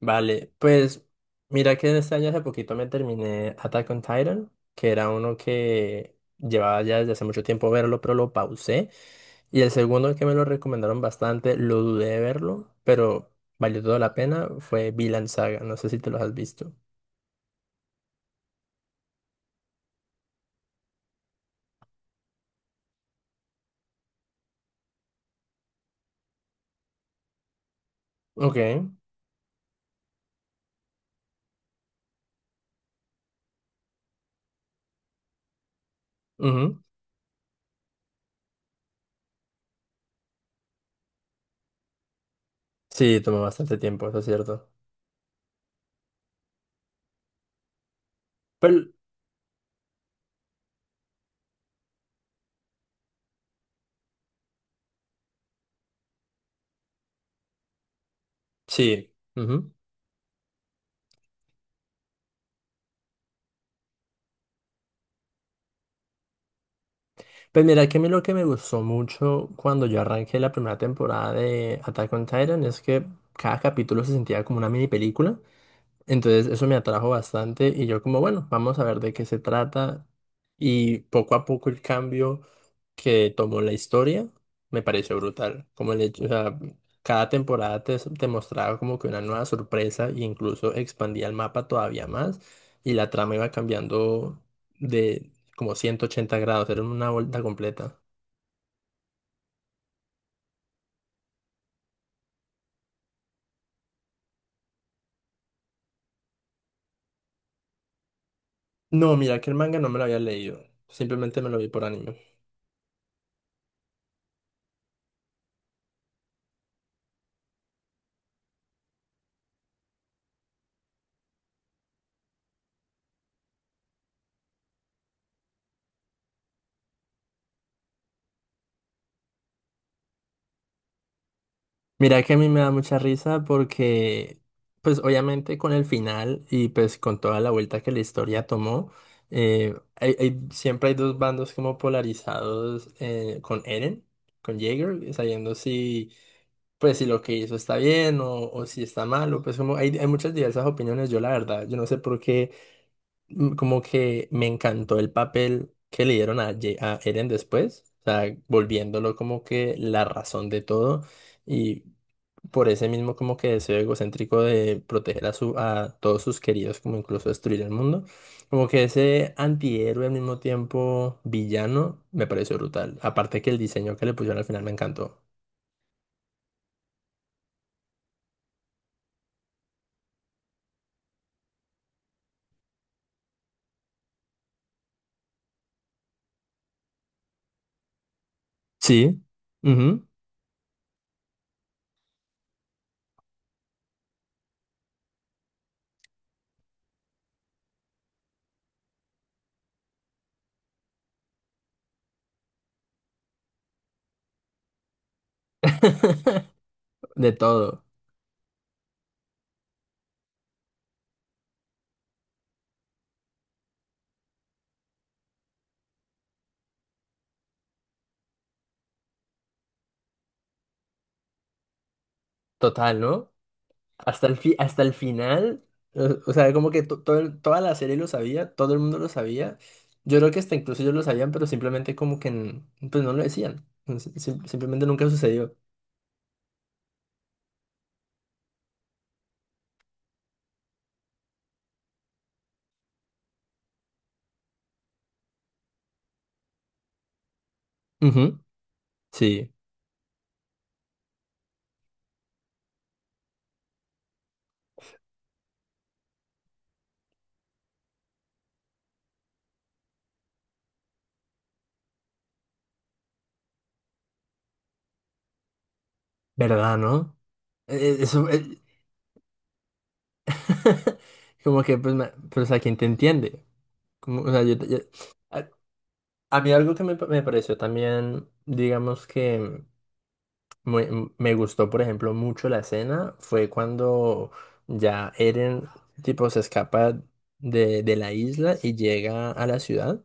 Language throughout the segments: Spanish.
Vale, pues mira que este año hace poquito me terminé Attack on Titan, que era uno que llevaba ya desde hace mucho tiempo verlo, pero lo pausé. Y el segundo que me lo recomendaron bastante, lo dudé de verlo, pero valió toda la pena, fue Vinland Saga, no sé si te los has visto. Ok, ujú. Sí, tomó bastante tiempo, eso es cierto. Pero sí. Ujú. Pues mira que a mí lo que me gustó mucho cuando yo arranqué la primera temporada de Attack on Titan es que cada capítulo se sentía como una mini película. Entonces eso me atrajo bastante y yo como, bueno, vamos a ver de qué se trata. Y poco a poco el cambio que tomó la historia me pareció brutal. Como el hecho, o sea, cada temporada te mostraba como que una nueva sorpresa e incluso expandía el mapa todavía más y la trama iba cambiando de como 180 grados, era una vuelta completa. No, mira que el manga no me lo había leído, simplemente me lo vi por anime. Mira que a mí me da mucha risa porque, pues obviamente con el final y pues con toda la vuelta que la historia tomó, siempre hay dos bandos como polarizados, con Eren, con Jaeger, sabiendo si, pues si lo que hizo está bien o si está mal, o pues como hay muchas diversas opiniones, yo la verdad, yo no sé por qué. Como que me encantó el papel que le dieron a Eren después, o sea, volviéndolo como que la razón de todo y por ese mismo como que deseo egocéntrico de proteger a todos sus queridos, como incluso destruir el mundo, como que ese antihéroe al mismo tiempo villano me pareció brutal, aparte que el diseño que le pusieron al final me encantó. Sí. Ujú. De todo, total, ¿no? Hasta el final, o sea, como que toda la serie lo sabía, todo el mundo lo sabía. Yo creo que hasta incluso ellos lo sabían, pero simplemente como que pues no lo decían. Simplemente nunca sucedió. Ujú. Sí, ¿verdad, no? Eso, como que pues, pues a quién te entiende. Como, o sea, a, a mí algo que me pareció también, digamos que... Muy- me gustó, por ejemplo, mucho la escena. Fue cuando ya Eren, tipo, se escapa de la isla y llega a la ciudad.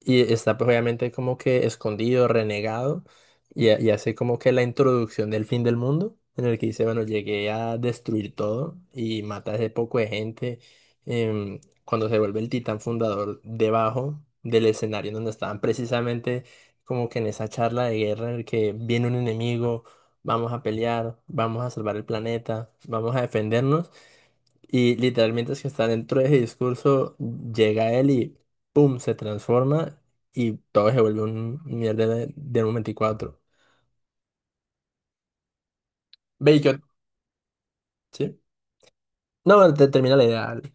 Y está pues obviamente como que escondido, renegado, y hace como que la introducción del fin del mundo, en el que dice, bueno, llegué a destruir todo y mata a ese poco de gente. Cuando se vuelve el titán fundador debajo del escenario en donde estaban precisamente como que en esa charla de guerra en el que viene un enemigo, vamos a pelear, vamos a salvar el planeta, vamos a defendernos. Y literalmente es que está dentro de ese discurso, llega él pum, se transforma y todo se vuelve un mierda de un 24. Ve, ¿sí? No, bueno, te termina la idea. Dale.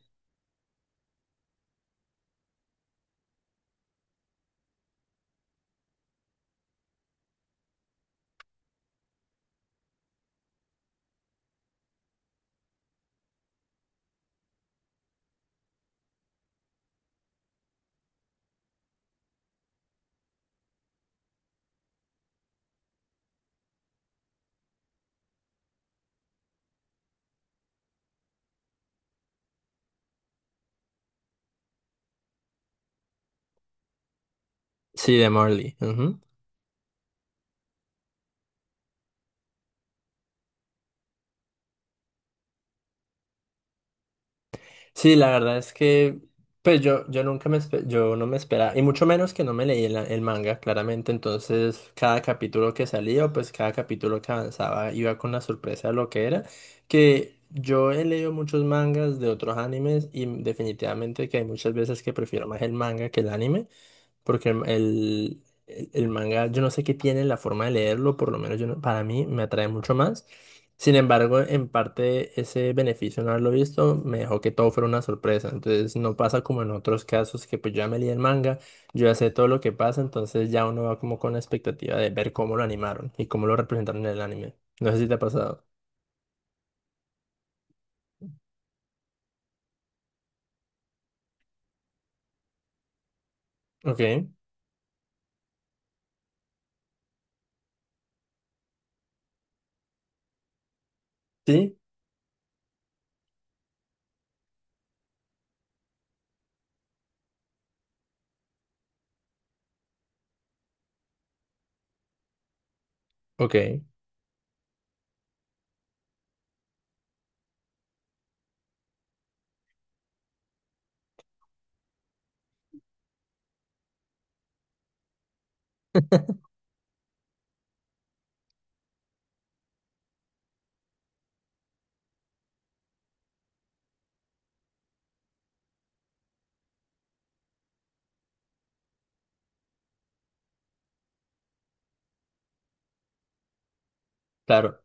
Sí, de Morley. Ujú. Sí, la verdad es que, pues yo nunca yo no me esperaba, y mucho menos que no me leí el manga, claramente. Entonces, cada capítulo que salía, o pues cada capítulo que avanzaba, iba con la sorpresa de lo que era. Que yo he leído muchos mangas de otros animes, y definitivamente que hay muchas veces que prefiero más el manga que el anime. Porque el manga, yo no sé qué tiene la forma de leerlo, por lo menos yo no- para mí me atrae mucho más. Sin embargo, en parte ese beneficio no haberlo visto me dejó que todo fuera una sorpresa. Entonces no pasa como en otros casos que pues yo ya me leí el manga, yo ya sé todo lo que pasa, entonces ya uno va como con la expectativa de ver cómo lo animaron y cómo lo representaron en el anime. No sé si te ha pasado. Ok, sí, ok, claro.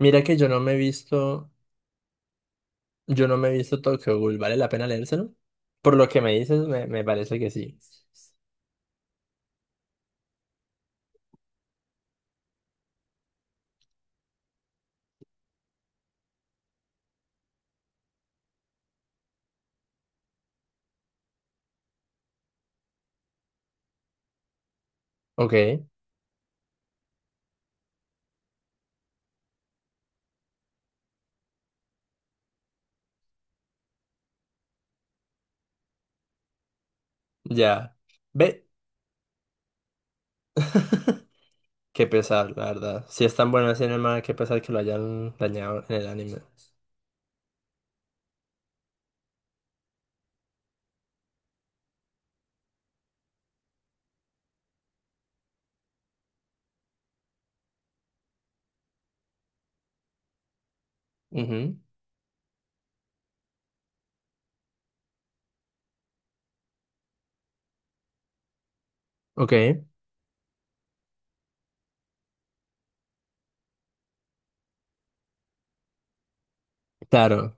Mira que yo no me he visto. Yo no me he visto Tokyo Ghoul, ¿vale la pena leérselo? Por lo que me dices, me parece que sí. Ok, ya. Ve. Qué pesar, la verdad. Si es tan bueno el cinema, qué pesar que lo hayan dañado en el anime. Ujú. Ok, claro.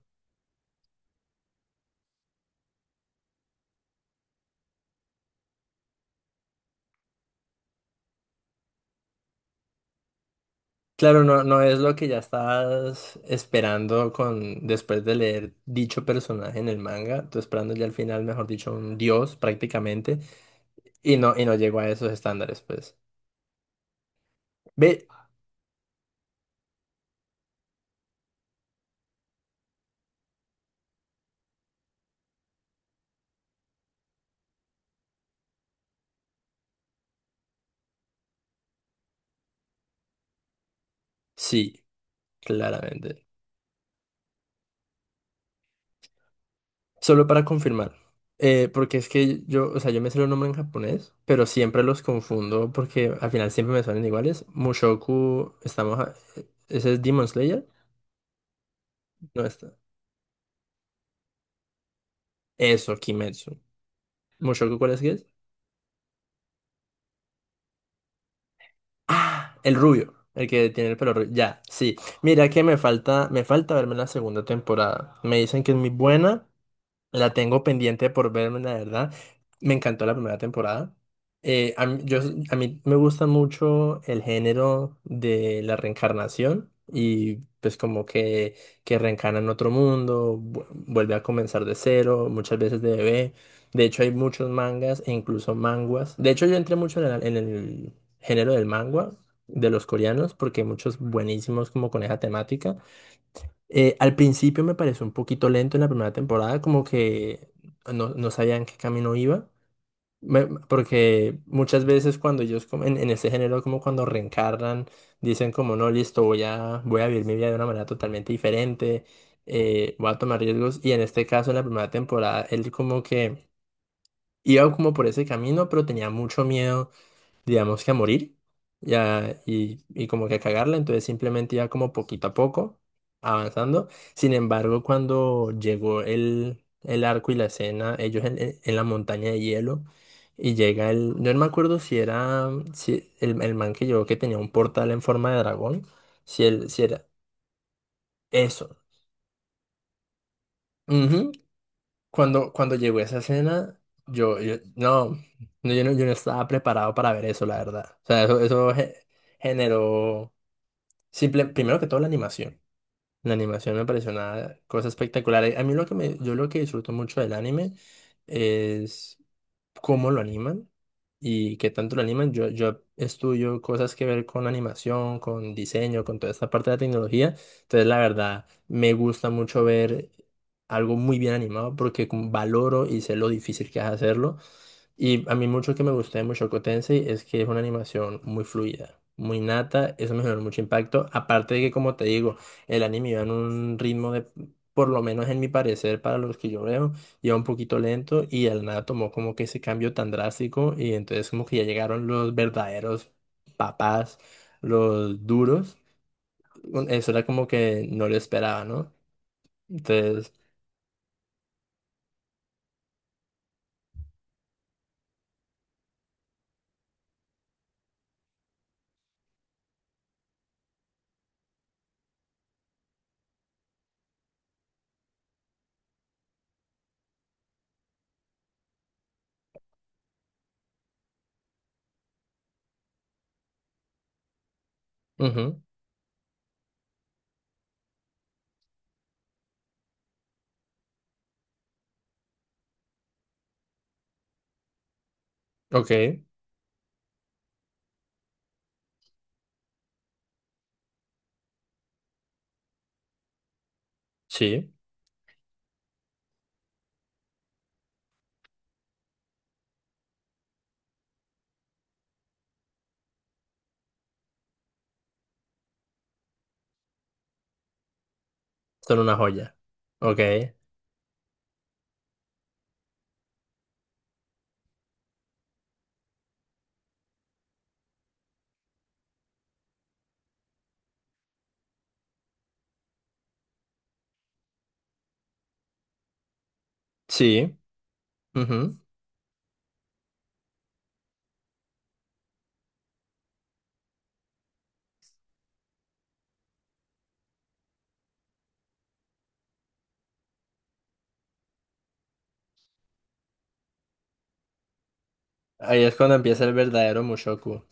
Claro, no, no es lo que ya estás esperando con después de leer dicho personaje en el manga. Tú esperando ya al final, mejor dicho, un dios prácticamente. Y no llegó a esos estándares, pues. Ve, sí, claramente. Solo para confirmar, porque es que yo, o sea, yo me sé los nombres en japonés, pero siempre los confundo porque al final siempre me salen iguales. Mushoku, estamos, ese es Demon Slayer, no está. Eso, Kimetsu. Mushoku, ¿cuál es que es? Ah, el rubio, el que tiene el pelo rubio. Ya, sí. Mira que me falta verme la segunda temporada. Me dicen que es muy buena. La tengo pendiente por verme, la verdad. Me encantó la primera temporada. Eh, a mí, yo, a mí me gusta mucho el género de la reencarnación y pues como que reencarna en otro mundo, vuelve a comenzar de cero, muchas veces de bebé. De hecho hay muchos mangas e incluso manguas. De hecho yo entré mucho en el género del mangua de los coreanos porque hay muchos buenísimos como con esa temática. Al principio me pareció un poquito lento en la primera temporada, como que no, no sabían qué camino iba. Porque muchas veces cuando ellos como en este género, como cuando reencarnan, dicen como no, listo, voy a vivir mi vida de una manera totalmente diferente, voy a tomar riesgos, y en este caso en la primera temporada él como que iba como por ese camino, pero tenía mucho miedo digamos que a morir ya, y como que a cagarla, entonces simplemente iba como poquito a poco avanzando. Sin embargo, cuando llegó el arco y la escena, ellos en la montaña de hielo, y llega el, yo no me acuerdo si era si el man que llegó que tenía un portal en forma de dragón, si, él, si era eso. Ujú. Cuando llegó esa escena, no, no, yo no estaba preparado para ver eso, la verdad. O sea, eso generó. Simple, primero que todo la animación. La animación me pareció una cosa espectacular. A mí lo que yo lo que disfruto mucho del anime es cómo lo animan y qué tanto lo animan. Yo estudio cosas que ver con animación, con diseño, con toda esta parte de la tecnología. Entonces, la verdad, me gusta mucho ver algo muy bien animado porque como valoro y sé lo difícil que es hacerlo. Y a mí mucho que me gustó de Mushoku Tensei es que es una animación muy fluida, muy nata, eso me generó mucho impacto. Aparte de que, como te digo, el anime iba en un ritmo de, por lo menos en mi parecer, para los que yo veo, iba un poquito lento y al nada tomó como que ese cambio tan drástico y entonces como que ya llegaron los verdaderos papás, los duros. Eso era como que no lo esperaba, ¿no? Entonces, ujú, ok, sí, son una joya. Ok, sí. Ujú. Ahí es cuando empieza el verdadero Mushoku,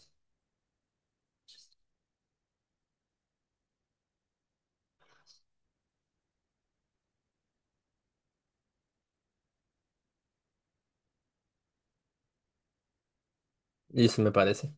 y eso me parece.